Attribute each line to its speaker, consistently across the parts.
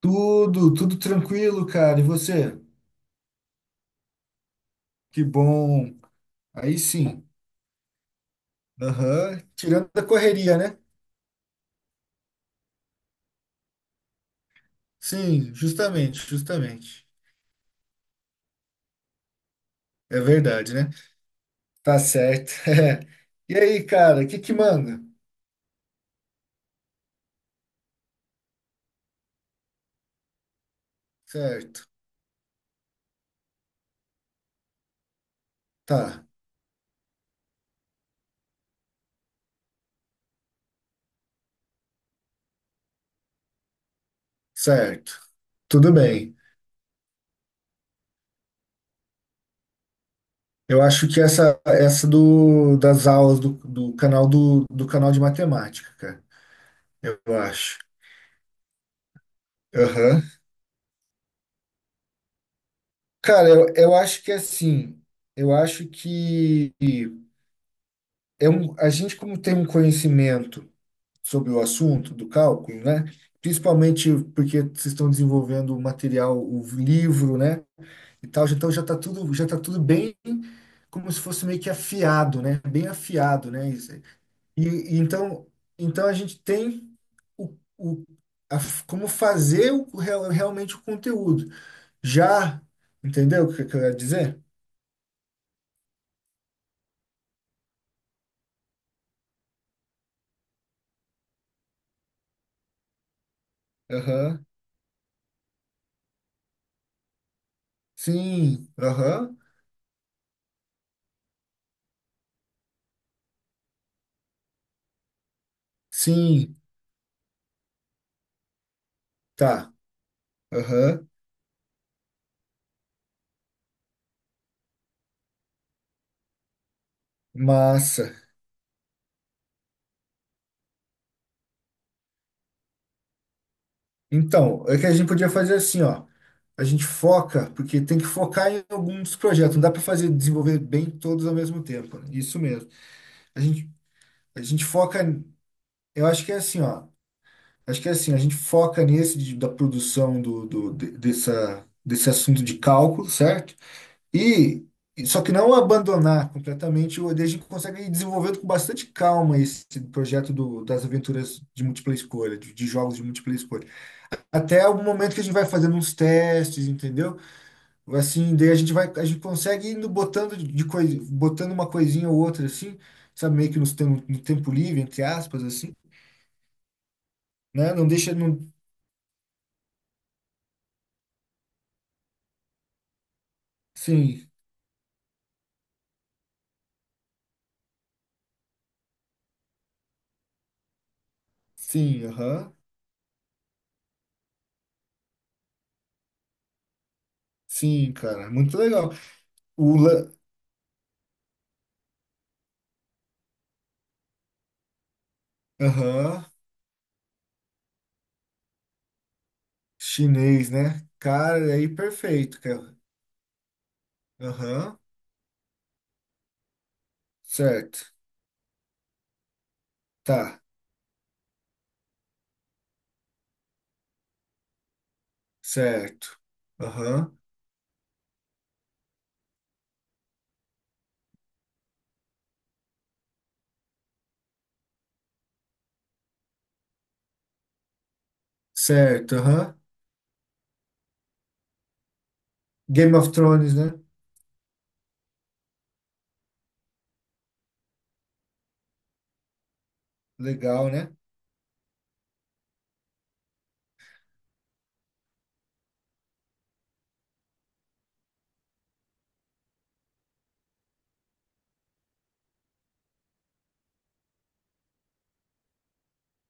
Speaker 1: Tudo, tudo tranquilo, cara. E você? Que bom. Aí sim. Aham. Tirando da correria, né? Sim, justamente, justamente. É verdade, né? Tá certo. É. E aí, cara, o que que manda? Certo. Tá, certo. Tudo bem. Eu acho que essa do das aulas do canal do canal de matemática, cara. Eu acho. Aham. Cara, eu acho que é assim, eu acho que é um, a gente, como tem um conhecimento sobre o assunto do cálculo, né? Principalmente porque vocês estão desenvolvendo o material, o livro, né? E tal, então já está tudo, já tá tudo bem como se fosse meio que afiado, né? Bem afiado, né? Isso. E então a gente tem o, o, como fazer realmente o conteúdo. Já, entendeu o que que eu quero dizer? Aham. Sim, aham. Sim, tá. Aham. Massa. Então, é que a gente podia fazer assim, ó. A gente foca, porque tem que focar em alguns projetos. Não dá para fazer desenvolver bem todos ao mesmo tempo, né? Isso mesmo. A gente, a gente foca. Eu acho que é assim, ó. Acho que é assim. A gente foca da produção dessa desse assunto de cálculo, certo? E só que não abandonar completamente. Daí a gente consegue ir desenvolvendo com bastante calma esse projeto das aventuras de múltipla escolha, de jogos de múltipla escolha. Até o momento que a gente vai fazendo uns testes, entendeu? Assim, daí a gente vai, a gente consegue indo botando de coisa, botando uma coisinha ou outra assim, sabe, meio que no tempo livre, entre aspas, assim, né? Não deixa, não, sim, sim, aham, sim, cara, muito legal. O la- aham, chinês, né? Cara, é aí perfeito, cara, aham, certo, tá, certo, aham, certo, aham, Game of Thrones, né? Legal, né?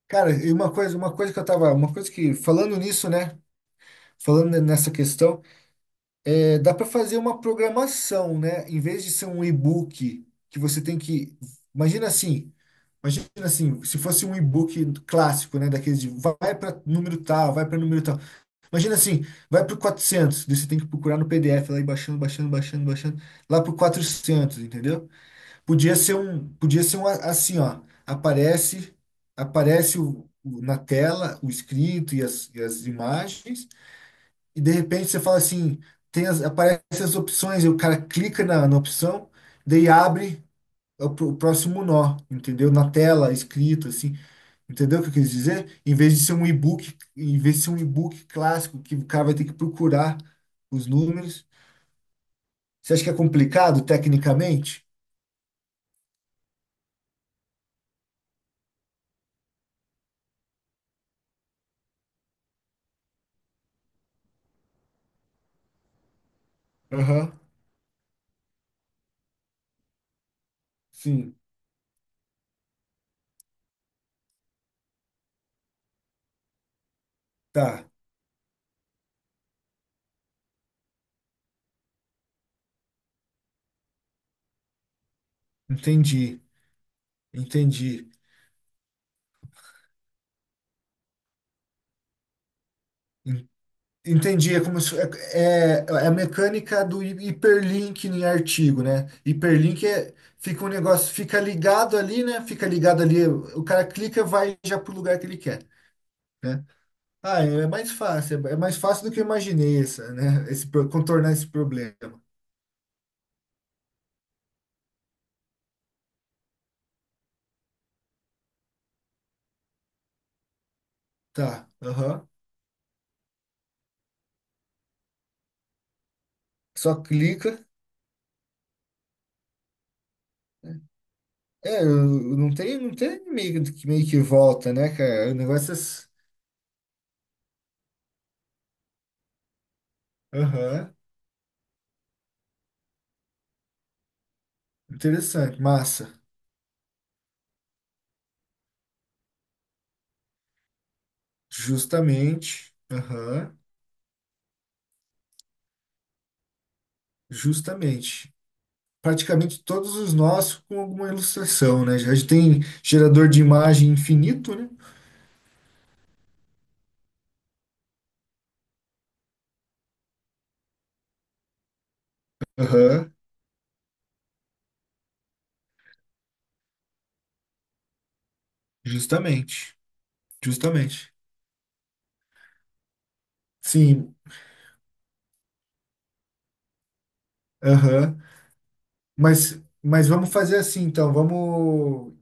Speaker 1: Cara, e uma coisa que eu tava, uma coisa que falando nisso, né? Falando nessa questão, é, dá para fazer uma programação, né? Em vez de ser um e-book que você tem que, imagina assim, imagina assim, se fosse um e-book clássico, né? Daqueles de vai para número tal, vai para número tal. Imagina assim, vai para o 400, daí você tem que procurar no PDF lá e baixando, baixando, baixando, baixando, lá para o 400, entendeu? Podia ser um a- assim, ó, aparece na tela o escrito e e as imagens, e de repente você fala assim, aparece as opções, e o cara clica na opção, daí abre o próximo nó, entendeu? Na tela, escrito, assim. Entendeu o que eu quis dizer? Em vez de ser um e-book, em vez de ser um e-book clássico, que o cara vai ter que procurar os números. Você acha que é complicado tecnicamente? Aham. Sim, tá. Entendi, entendi. En- Entendi, é como se, é, é a mecânica do hiperlink em artigo, né? Hiperlink é, fica um negócio, fica ligado ali, né? Fica ligado ali, o cara clica, vai já pro lugar que ele quer, né? Ah, é mais fácil, é mais fácil do que eu imaginei essa, né? Esse, contornar esse problema. Tá, aham. Só clica. É, eu não tem, não tem meio que volta, né, cara? O negócio é Aham, interessante, massa. Justamente, aham, justamente. Praticamente todos os nossos com alguma ilustração, né? A gente tem gerador de imagem infinito, né? Aham, justamente, justamente. Sim, aham. Mas vamos fazer assim, então. Vamos.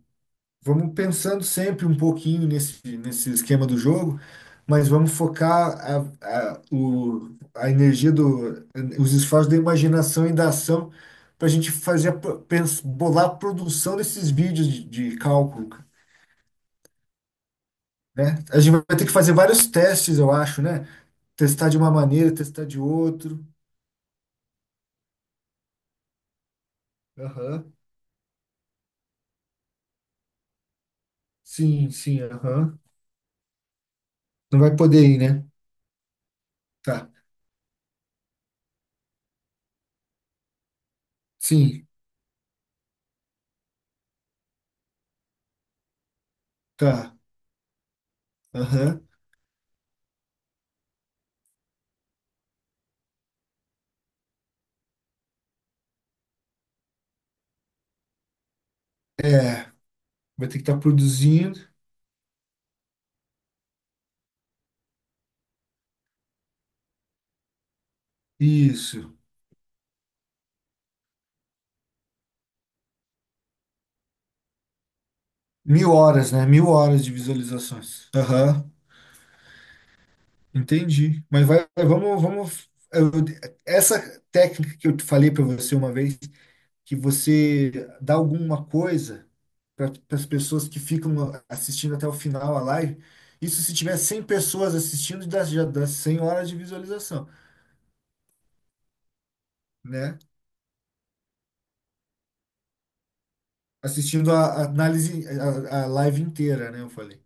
Speaker 1: Vamos pensando sempre um pouquinho nesse esquema do jogo, mas vamos focar a energia os esforços da imaginação e da ação para a gente fazer bolar a produção desses vídeos de, cálculo, né? A gente vai ter que fazer vários testes, eu acho, né? Testar de uma maneira, testar de outro. Aham. Sim, sim, aham. Não vai poder ir, né? Tá. Sim, tá. Aham. É, vai ter que estar produzindo. Isso. 1.000 horas, né? 1.000 horas de visualizações. Aham, entendi. Mas vamos. Essa técnica que eu te falei para você uma vez, que você dá alguma coisa para as pessoas que ficam assistindo até o final a live, isso se tiver 100 pessoas assistindo, dá, já dá 100 horas de visualização, né? Assistindo a análise, a live inteira, né? Eu falei.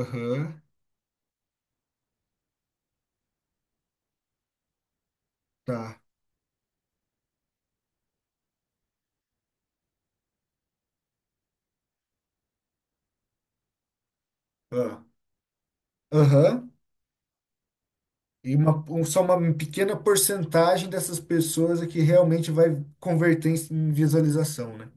Speaker 1: Aham, tá. Ah, aham. E só uma pequena porcentagem dessas pessoas é que realmente vai converter em visualização, né?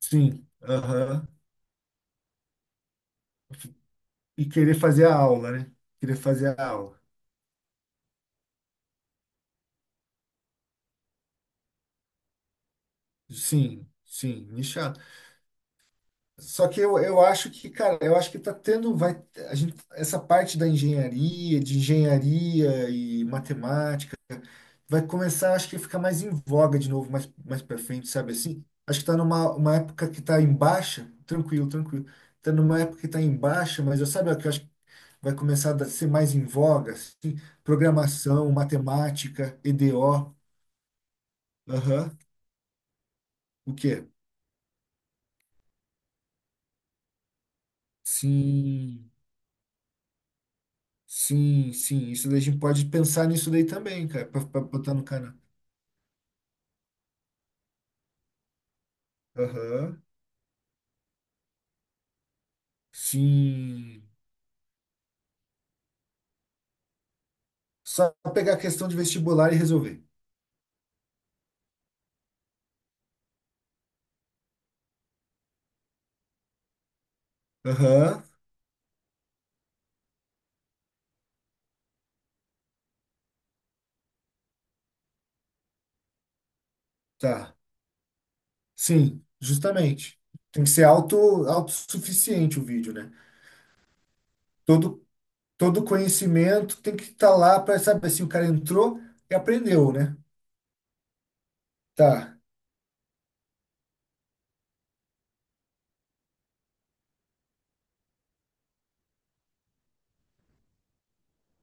Speaker 1: Sim, aham. E querer fazer a aula, né? Querer fazer a aula. Sim, sim, nichado. Só que eu acho que, cara, eu acho que tá tendo, vai, a gente, essa parte da engenharia, de engenharia e matemática, vai começar, acho que ficar mais em voga de novo, mais, mais pra frente, sabe assim? Acho que tá numa uma época que tá em baixa, tranquilo, tranquilo. Tá numa época que tá em baixa, mas eu sabe o que eu acho que vai começar a ser mais em voga, assim, programação, matemática, EDO, aham. O quê? Sim, sim, sim. Isso daí a gente pode pensar nisso daí também, cara, pra botar no canal. Aham. Sim. Só pegar a questão de vestibular e resolver. Aham. Tá. Sim, justamente. Tem que ser autossuficiente o vídeo, né? Todo, todo conhecimento tem que estar lá para, sabe, assim, o cara entrou e aprendeu, né? Tá,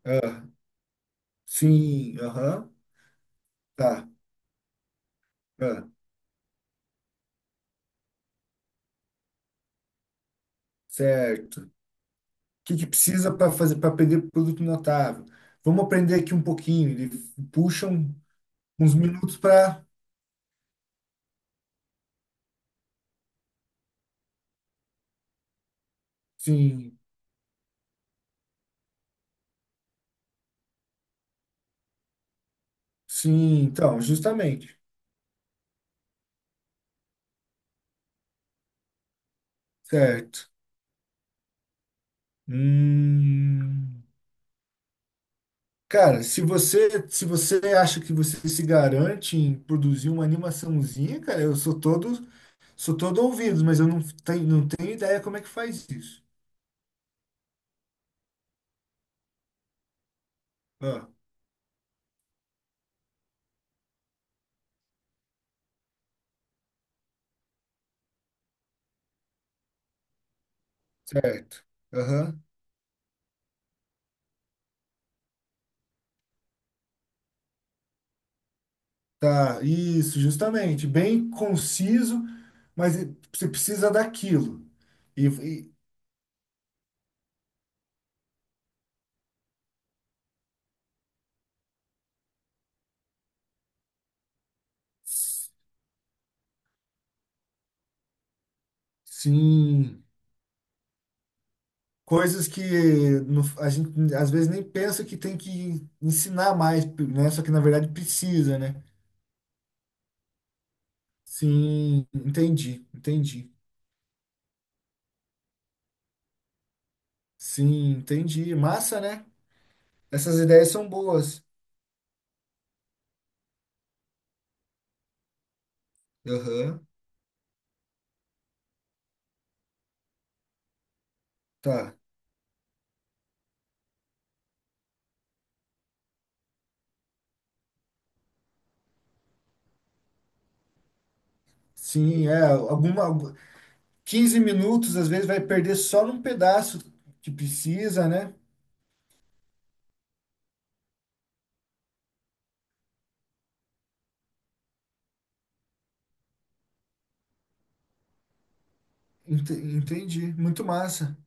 Speaker 1: ah, sim, aham, tá, ah, certo. O que que precisa para fazer para aprender produto notável? Vamos aprender aqui um pouquinho. Ele puxa uns minutos para. Sim, sim, então, justamente. Certo. Hum. Cara, se você acha que você se garante em produzir uma animaçãozinha, cara, eu sou todo ouvido, mas eu não tenho ideia como é que faz isso. Ah, certo. Aham. Tá, isso, justamente. Bem conciso, mas você precisa daquilo. E, e- sim, coisas que a gente às vezes nem pensa que tem que ensinar mais, né? Só que na verdade precisa, né? Sim, entendi, entendi. Sim, entendi. Massa, né? Essas ideias são boas. Aham, tá. Sim, é, 15 minutos às vezes vai perder só num pedaço que precisa, né? Entendi, muito massa.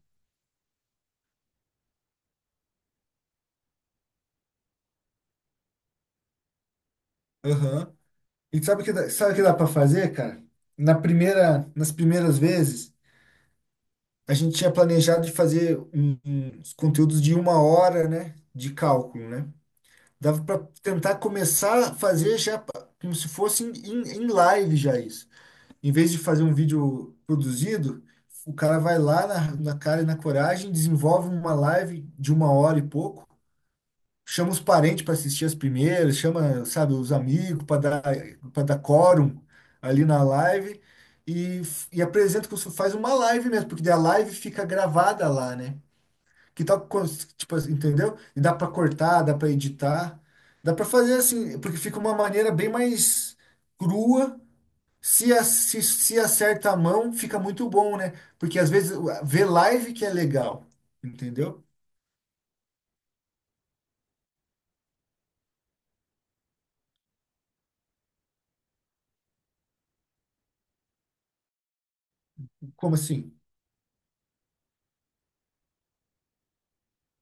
Speaker 1: Aham. E sabe o que dá para fazer, cara? Nas primeiras vezes, a gente tinha planejado de fazer uns conteúdos de uma hora, né? De cálculo, né? Dava para tentar começar a fazer já como se fosse em, em live já isso. Em vez de fazer um vídeo produzido, o cara vai lá na cara e na coragem, desenvolve uma live de uma hora e pouco, chama os parentes para assistir as primeiras, chama, sabe, os amigos para dar, quórum ali na live e, e apresenta como se faz uma live mesmo, porque daí a live fica gravada lá, né? Que tal, tipo, assim, entendeu? E dá para cortar, dá para editar, dá para fazer assim, porque fica uma maneira bem mais crua. Se acerta a mão, fica muito bom, né? Porque às vezes ver live que é legal, entendeu? Como assim?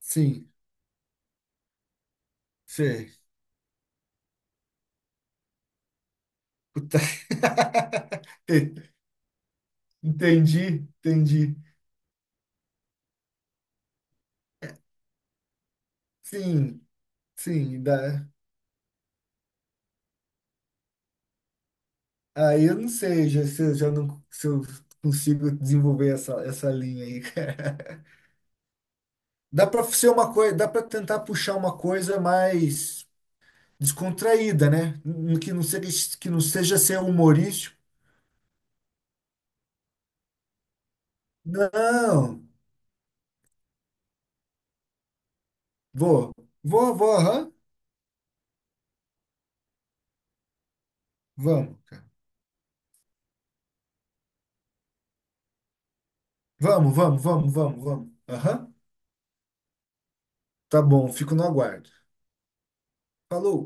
Speaker 1: Sim, sei. Puta, entendi, entendi. Sim, sim, dá. Aí eu não sei já, se eu já não se eu consigo desenvolver essa linha aí. Dá para ser uma coisa, dá para tentar puxar uma coisa mais descontraída, né? Que não seja, ser humorístico. Não, vou, vou, vou, aham. Vamos, cara. Vamos, vamos, vamos, vamos, vamos. Aham. Tá bom, fico no aguardo. Falou.